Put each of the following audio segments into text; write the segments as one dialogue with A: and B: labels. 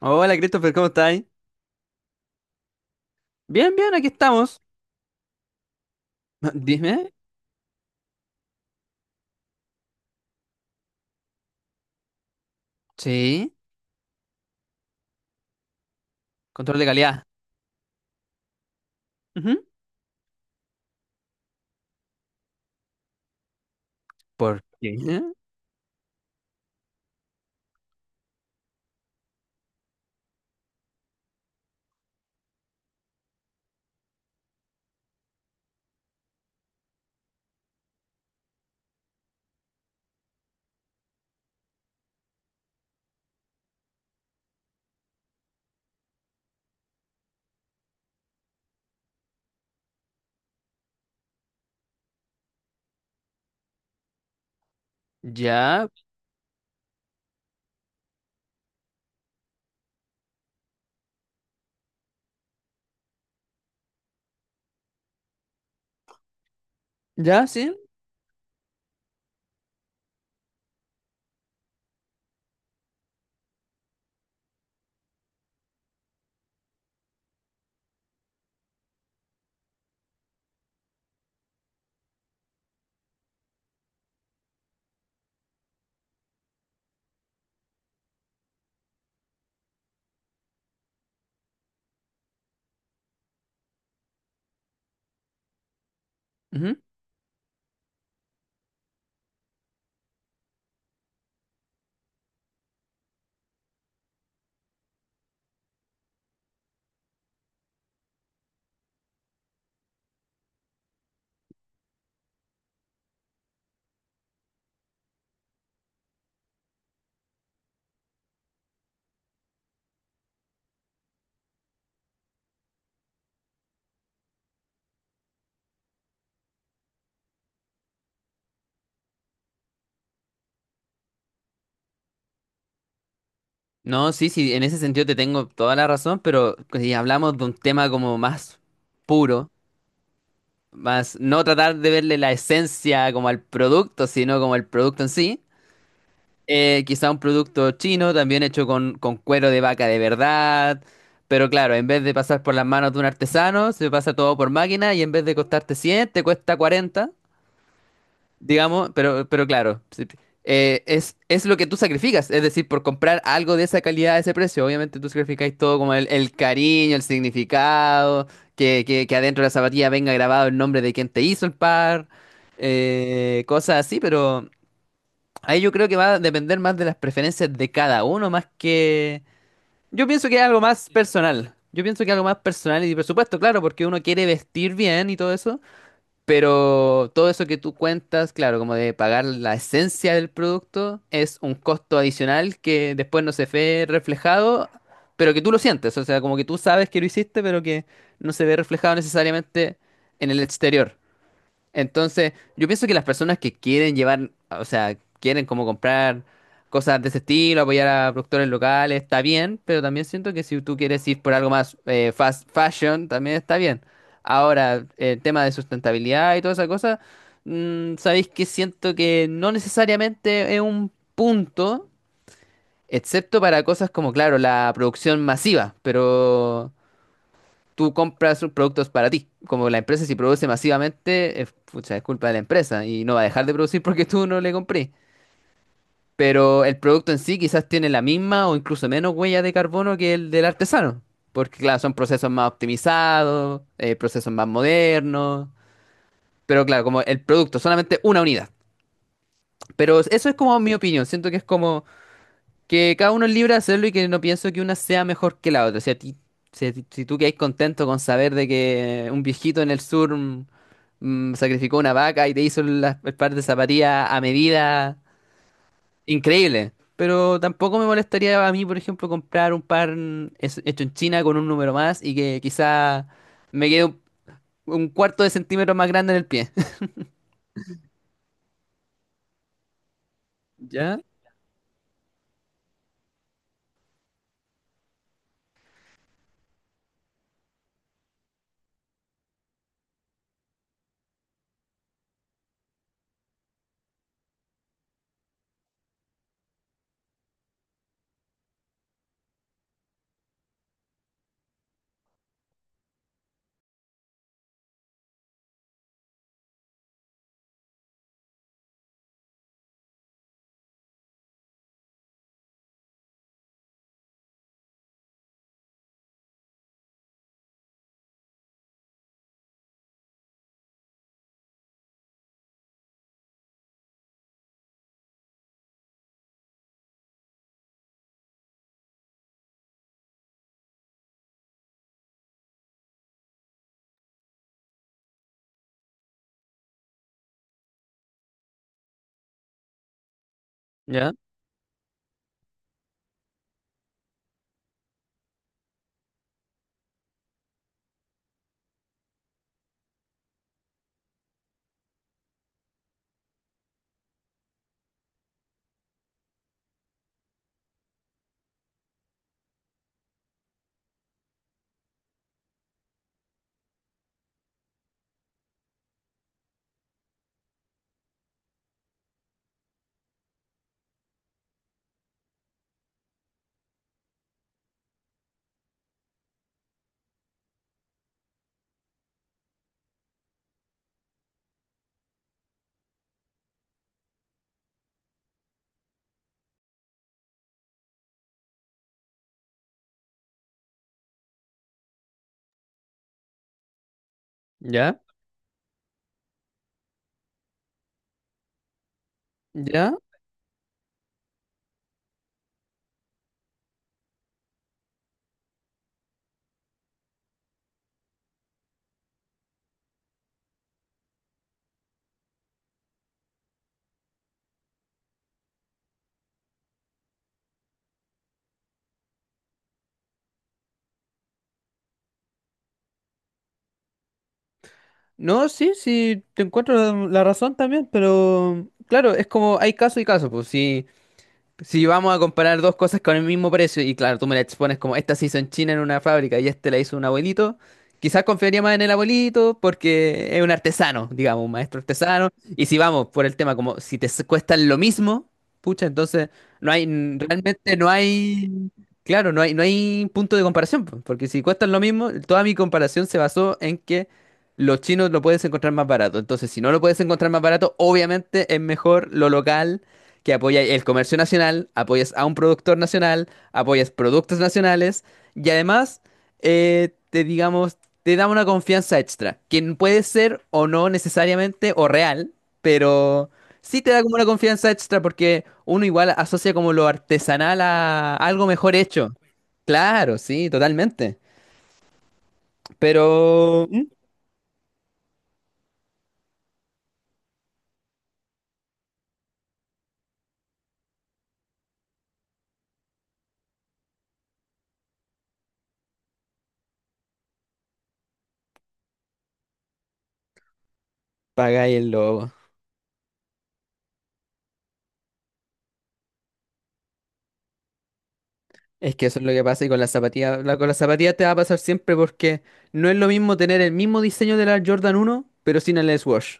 A: Hola Christopher, ¿cómo estáis? Bien, bien, aquí estamos. Dime. Sí. Control de calidad. Ujú. ¿Por qué? Ya, ya, sí. Ujú. No, sí, sí, en ese sentido te tengo toda la razón, pero si hablamos de un tema como más puro, más no tratar de verle la esencia como al producto, sino como el producto en sí. Quizá un producto chino, también hecho con cuero de vaca de verdad. Pero claro, en vez de pasar por las manos de un artesano, se pasa todo por máquina y en vez de costarte 100 te cuesta cuarenta, digamos. Pero claro, sí, es lo que tú sacrificas. Es decir, por comprar algo de esa calidad, a ese precio, obviamente tú sacrificáis todo como el cariño, el significado, que adentro de la zapatilla venga grabado el nombre de quien te hizo el par, cosas así, pero... Ahí yo creo que va a depender más de las preferencias de cada uno, más que... Yo pienso que es algo más personal. Yo pienso que es algo más personal y por supuesto, claro, porque uno quiere vestir bien y todo eso, pero todo eso que tú cuentas, claro, como de pagar la esencia del producto, es un costo adicional que después no se ve reflejado, pero que tú lo sientes, o sea, como que tú sabes que lo hiciste, pero que no se ve reflejado necesariamente en el exterior. Entonces, yo pienso que las personas que quieren llevar, o sea, quieren como comprar cosas de ese estilo, apoyar a productores locales, está bien, pero también siento que si tú quieres ir por algo más fast fashion, también está bien. Ahora, el tema de sustentabilidad y toda esa cosa, sabéis que siento que no necesariamente es un punto, excepto para cosas como, claro, la producción masiva, pero tú compras sus productos para ti. Como la empresa si produce masivamente, es, pucha, es culpa de la empresa y no va a dejar de producir porque tú no le compré. Pero el producto en sí quizás tiene la misma o incluso menos huella de carbono que el del artesano. Porque claro, son procesos más optimizados, procesos más modernos. Pero claro, como el producto, solamente una unidad. Pero eso es como mi opinión. Siento que es como... que cada uno es libre de hacerlo y que no pienso que una sea mejor que la otra. O sea ti, si, a ti- Si tú quedas contento con saber de que un viejito en el sur sacrificó una vaca y te hizo las el par de zapatillas a medida, increíble. Pero tampoco me molestaría a mí, por ejemplo, comprar un par hecho en China con un número más y que quizá me quede un cuarto de centímetro más grande en el pie. ¿Ya? ¿Ya? ¿Ya? ¿Ya? No, sí, sí, te encuentro la razón también, pero claro, es como hay caso y caso, pues si vamos a comparar dos cosas con el mismo precio, y claro, tú me la expones como esta se hizo en China en una fábrica y este la hizo un abuelito, quizás confiaría más en el abuelito porque es un artesano, digamos, un maestro artesano. Y si vamos por el tema, como si te s- cuestan lo mismo, pucha, entonces realmente no hay, claro, no hay punto de comparación, po, porque si cuestan lo mismo, toda mi comparación se basó en que los chinos lo puedes encontrar más barato. Entonces, si no lo puedes encontrar más barato, obviamente es mejor lo local que apoya el comercio nacional, apoyas a un productor nacional, apoyas productos nacionales y además te digamos, te da una confianza extra, que puede ser o no necesariamente o real, pero sí te da como una confianza extra porque uno igual asocia como lo artesanal a algo mejor hecho. Claro, sí, totalmente. Pero ¿mm? Pagáis el logo. Es que eso es lo que pasa y con las zapatillas, con las zapatillas te va a pasar siempre porque no es lo mismo tener el mismo diseño de la Jordan uno, pero sin el S-Wash.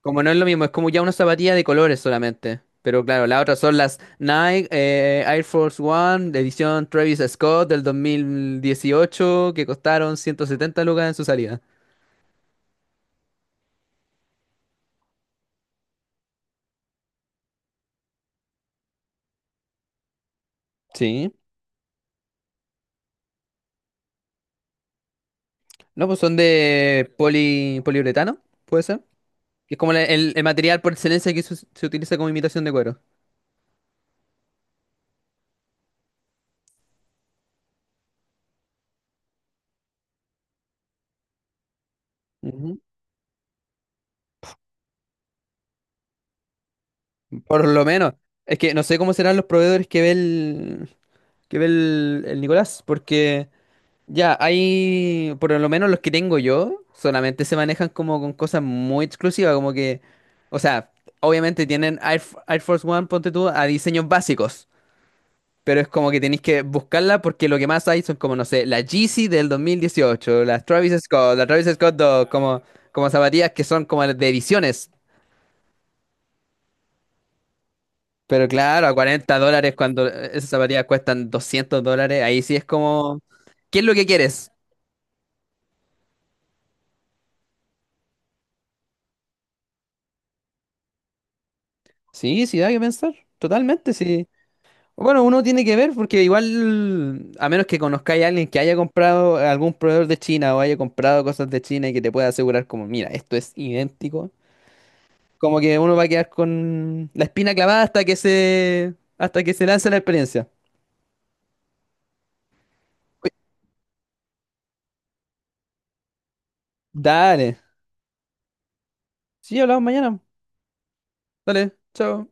A: Como no es lo mismo, es como ya una zapatilla de colores solamente. Pero claro, las otras son las Nike, Air Force One, de edición Travis Scott del 2018, que costaron 170 lucas en su salida. Sí. No, pues son de poliuretano, puede ser. Que es como el material por excelencia que se utiliza como imitación de cuero. Por lo menos. Es que no sé cómo serán los proveedores que ve el Nicolás, porque ya hay, por lo menos los que tengo yo, solamente se manejan como con cosas muy exclusivas, como que, o sea, obviamente tienen Air Force One, ponte tú, a diseños básicos, pero es como que tenéis que buscarla porque lo que más hay son como, no sé, la Yeezy del 2018, las Travis Scott, la Travis Scott 2, como, como zapatillas que son como de ediciones. Pero claro, a $40 cuando esas zapatillas cuestan $200, ahí sí es como, ¿qué es lo que quieres? Sí, sí, da que pensar, totalmente, sí. Bueno, uno tiene que ver porque igual, a menos que conozcáis a alguien que haya comprado algún proveedor de China o haya comprado cosas de China y que te pueda asegurar como, mira, esto es idéntico, como que uno va a quedar con la espina clavada hasta que se lance la experiencia. Dale. Sí, hablamos mañana. Dale, chao.